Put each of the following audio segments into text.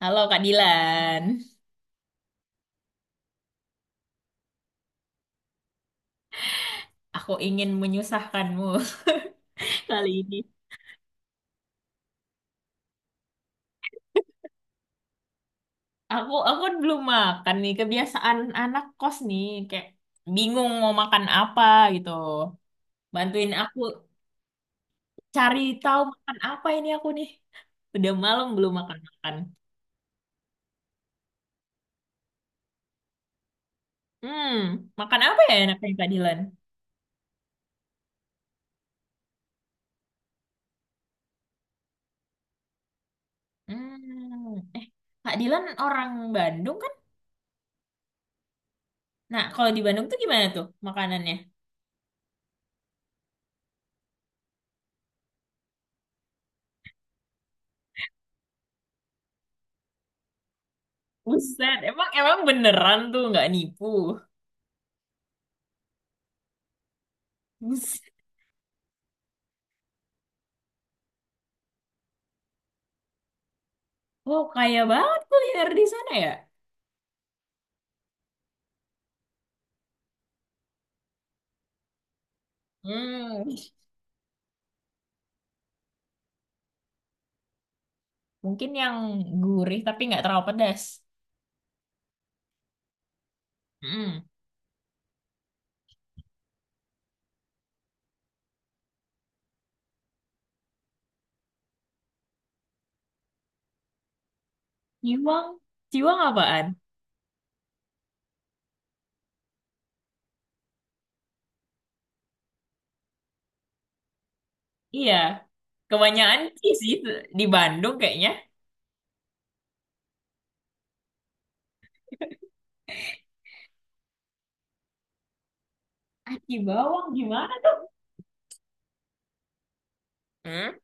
Halo Kak Dilan, aku ingin menyusahkanmu kali ini. Aku kan belum makan nih, kebiasaan anak kos nih, kayak bingung mau makan apa gitu. Bantuin aku cari tahu makan apa ini aku nih. Udah malam belum makan-makan. Hmm, Makan apa ya enaknya Kak Dilan? Hmm, eh Kak Dilan orang Bandung kan? Nah, kalau di Bandung tuh gimana tuh makanannya? Buset, emang emang beneran tuh nggak nipu. Oh, kaya banget kuliner di sana ya? Hmm, Mungkin yang gurih tapi nggak terlalu pedas. Hmm. Ciwang, ciwang apaan? Iya, kebanyakan ci sih di Bandung kayaknya. Kaki bawang gimana tuh? Hmm?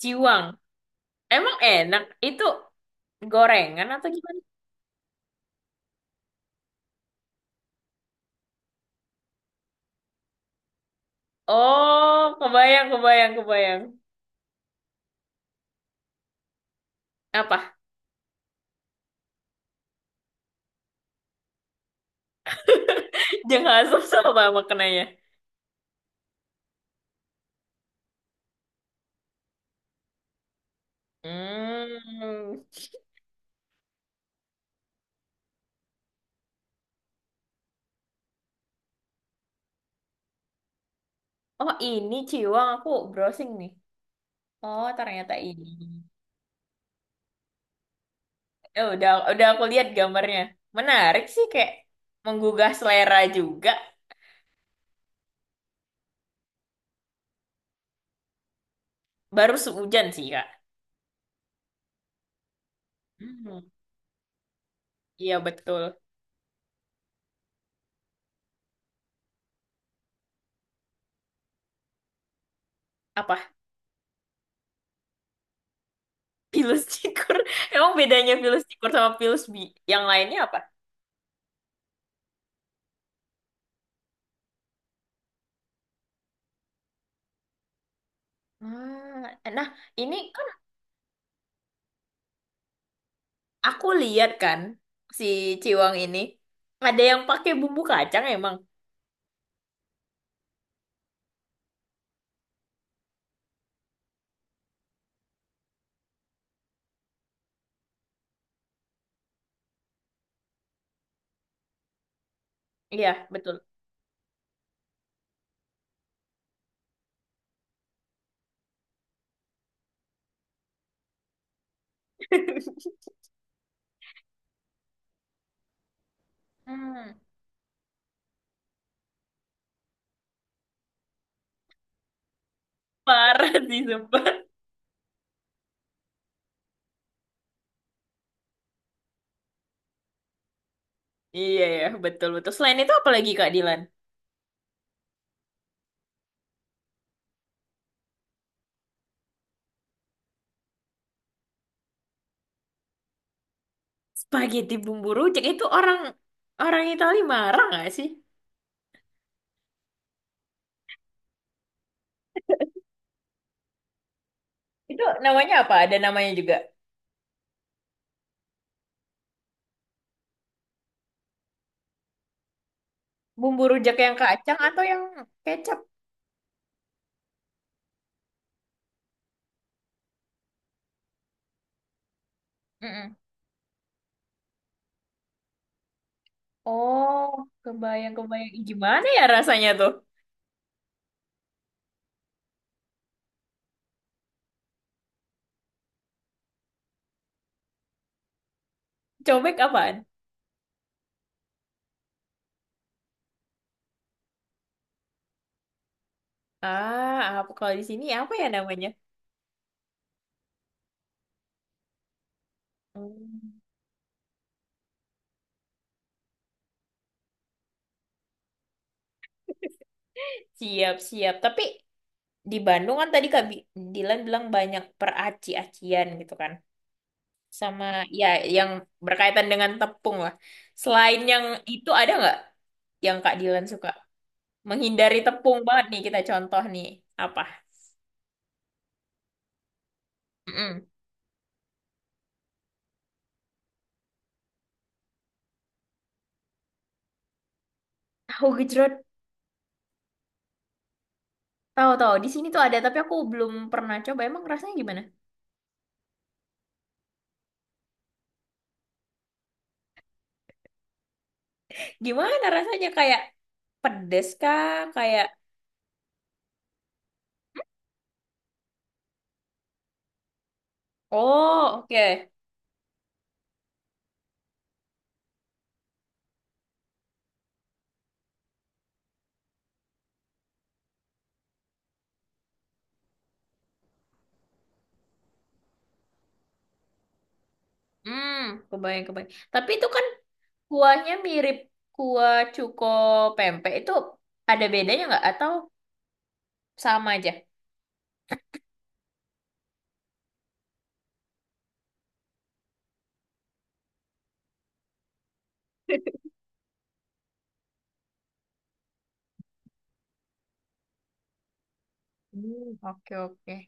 Ciwang. Emang enak? Itu gorengan atau gimana? Oh, kebayang, kebayang, kebayang. Apa? Jangan asam sama makanannya. Hmm. Oh, ini ciwang aku browsing nih. Oh, ternyata ini. Eh, udah aku lihat gambarnya. Menarik sih kayak menggugah selera juga. Baru sehujan sih, Kak. Hmm, iya betul. Apa? Pilus cikur. Emang bedanya pilus cikur sama pilus bi yang lainnya apa? Ah, nah, ini kan aku lihat kan si Ciwang ini ada yang pakai bumbu kacang emang. Iya, betul. Hmm, Parah sih sumpah. Iya ya, betul betul. Selain itu apa lagi Kak Dilan? Spaghetti bumbu rujak itu orang orang Itali marah nggak sih? Itu namanya apa? Ada namanya juga. Bumbu rujak yang kacang atau yang kecap? Mm-mm. Oh, kebayang-kebayang. Ih, gimana ya rasanya tuh? Cobek apaan? Ah, apa kalau di sini apa ya namanya? Hmm, siap-siap. Tapi di Bandung kan tadi Dilan bilang banyak peraci-acian gitu kan. Sama ya yang berkaitan dengan tepung lah. Selain yang itu ada nggak yang Kak Dilan suka? Menghindari tepung banget nih kita contoh nih apa? Mm-mm. Tahu gejrot, tahu tahu. Di sini tuh ada tapi aku belum pernah coba. Emang rasanya gimana? Gimana rasanya kayak pedes kah? Kayak oh oke. Hmm, Kebayang kebayang. Tapi itu kan kuahnya mirip kuah cuko pempek itu ada bedanya nggak atau sama aja? Hmm, oke oke.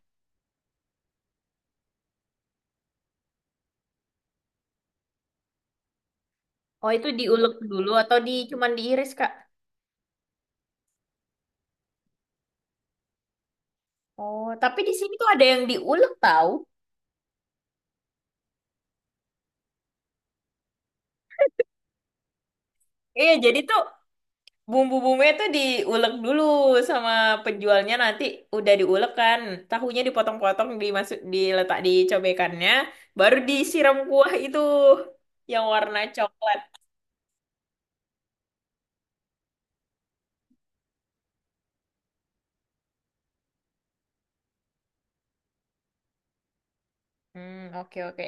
Oh, itu diulek dulu atau di cuman diiris, Kak? Oh, tapi di sini tuh ada yang diulek tahu. Iya, jadi tuh bumbu-bumbunya tuh diulek dulu sama penjualnya nanti udah diulek kan. Tahunya dipotong-potong dimasuk diletak di cobekannya, baru disiram kuah itu yang warna coklat. Hmm, oke oke.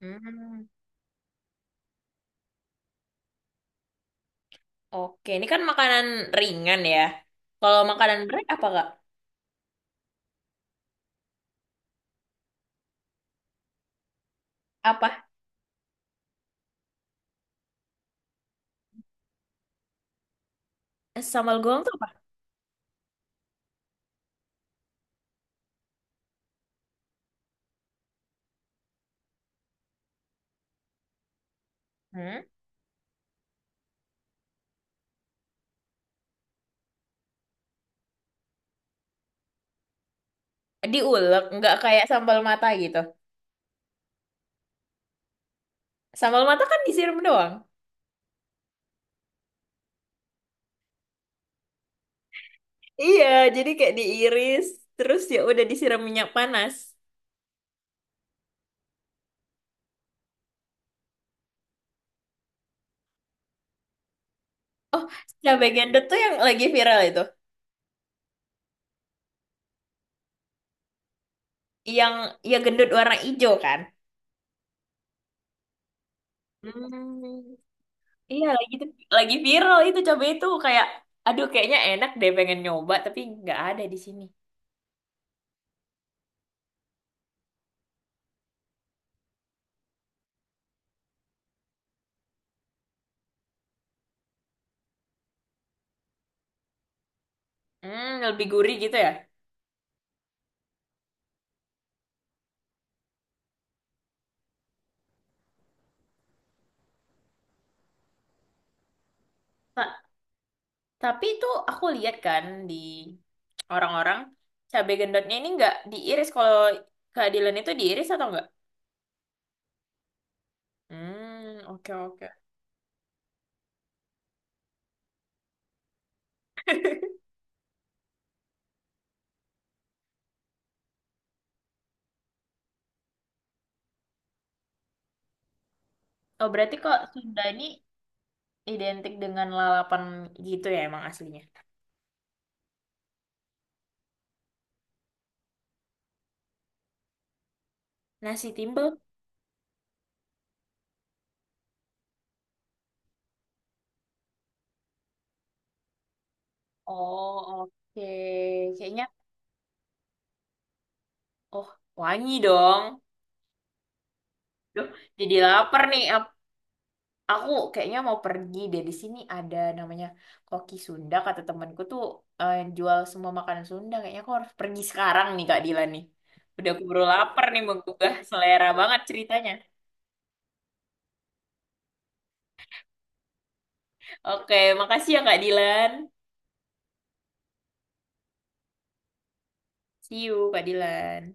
Hmm, oke. Ini kan makanan ringan ya. Kalau makanan berat apa, Kak? Apa? Sambal goong tuh apa? Hmm? Diulek, nggak kayak sambal mata gitu. Sambal mata kan disiram doang. Iya, jadi kayak diiris, terus ya udah disiram minyak panas. Oh, cabai gendut tuh yang lagi viral itu. Yang ya gendut warna hijau kan? Hmm, iya lagi viral itu cabai itu kayak, aduh kayaknya enak deh pengen nyoba tapi nggak ada di sini. Hmm, lebih gurih gitu ya? Tapi itu aku lihat kan di orang-orang cabai gendotnya ini nggak diiris. Kalau keadilan itu diiris atau nggak? Hmm, oke oke. Oh berarti kok Sunda ini identik dengan lalapan gitu ya emang aslinya? Nasi timbel? Oh oke. Kayaknya oh wangi dong. Duh, jadi lapar nih. Aku kayaknya mau pergi deh. Di sini ada namanya Koki Sunda, kata temanku tuh jual semua makanan Sunda. Kayaknya aku harus pergi sekarang nih Kak Dila nih. Udah aku baru lapar nih menggugah selera banget ceritanya. Oke, makasih ya Kak Dilan. See you Kak Dilan.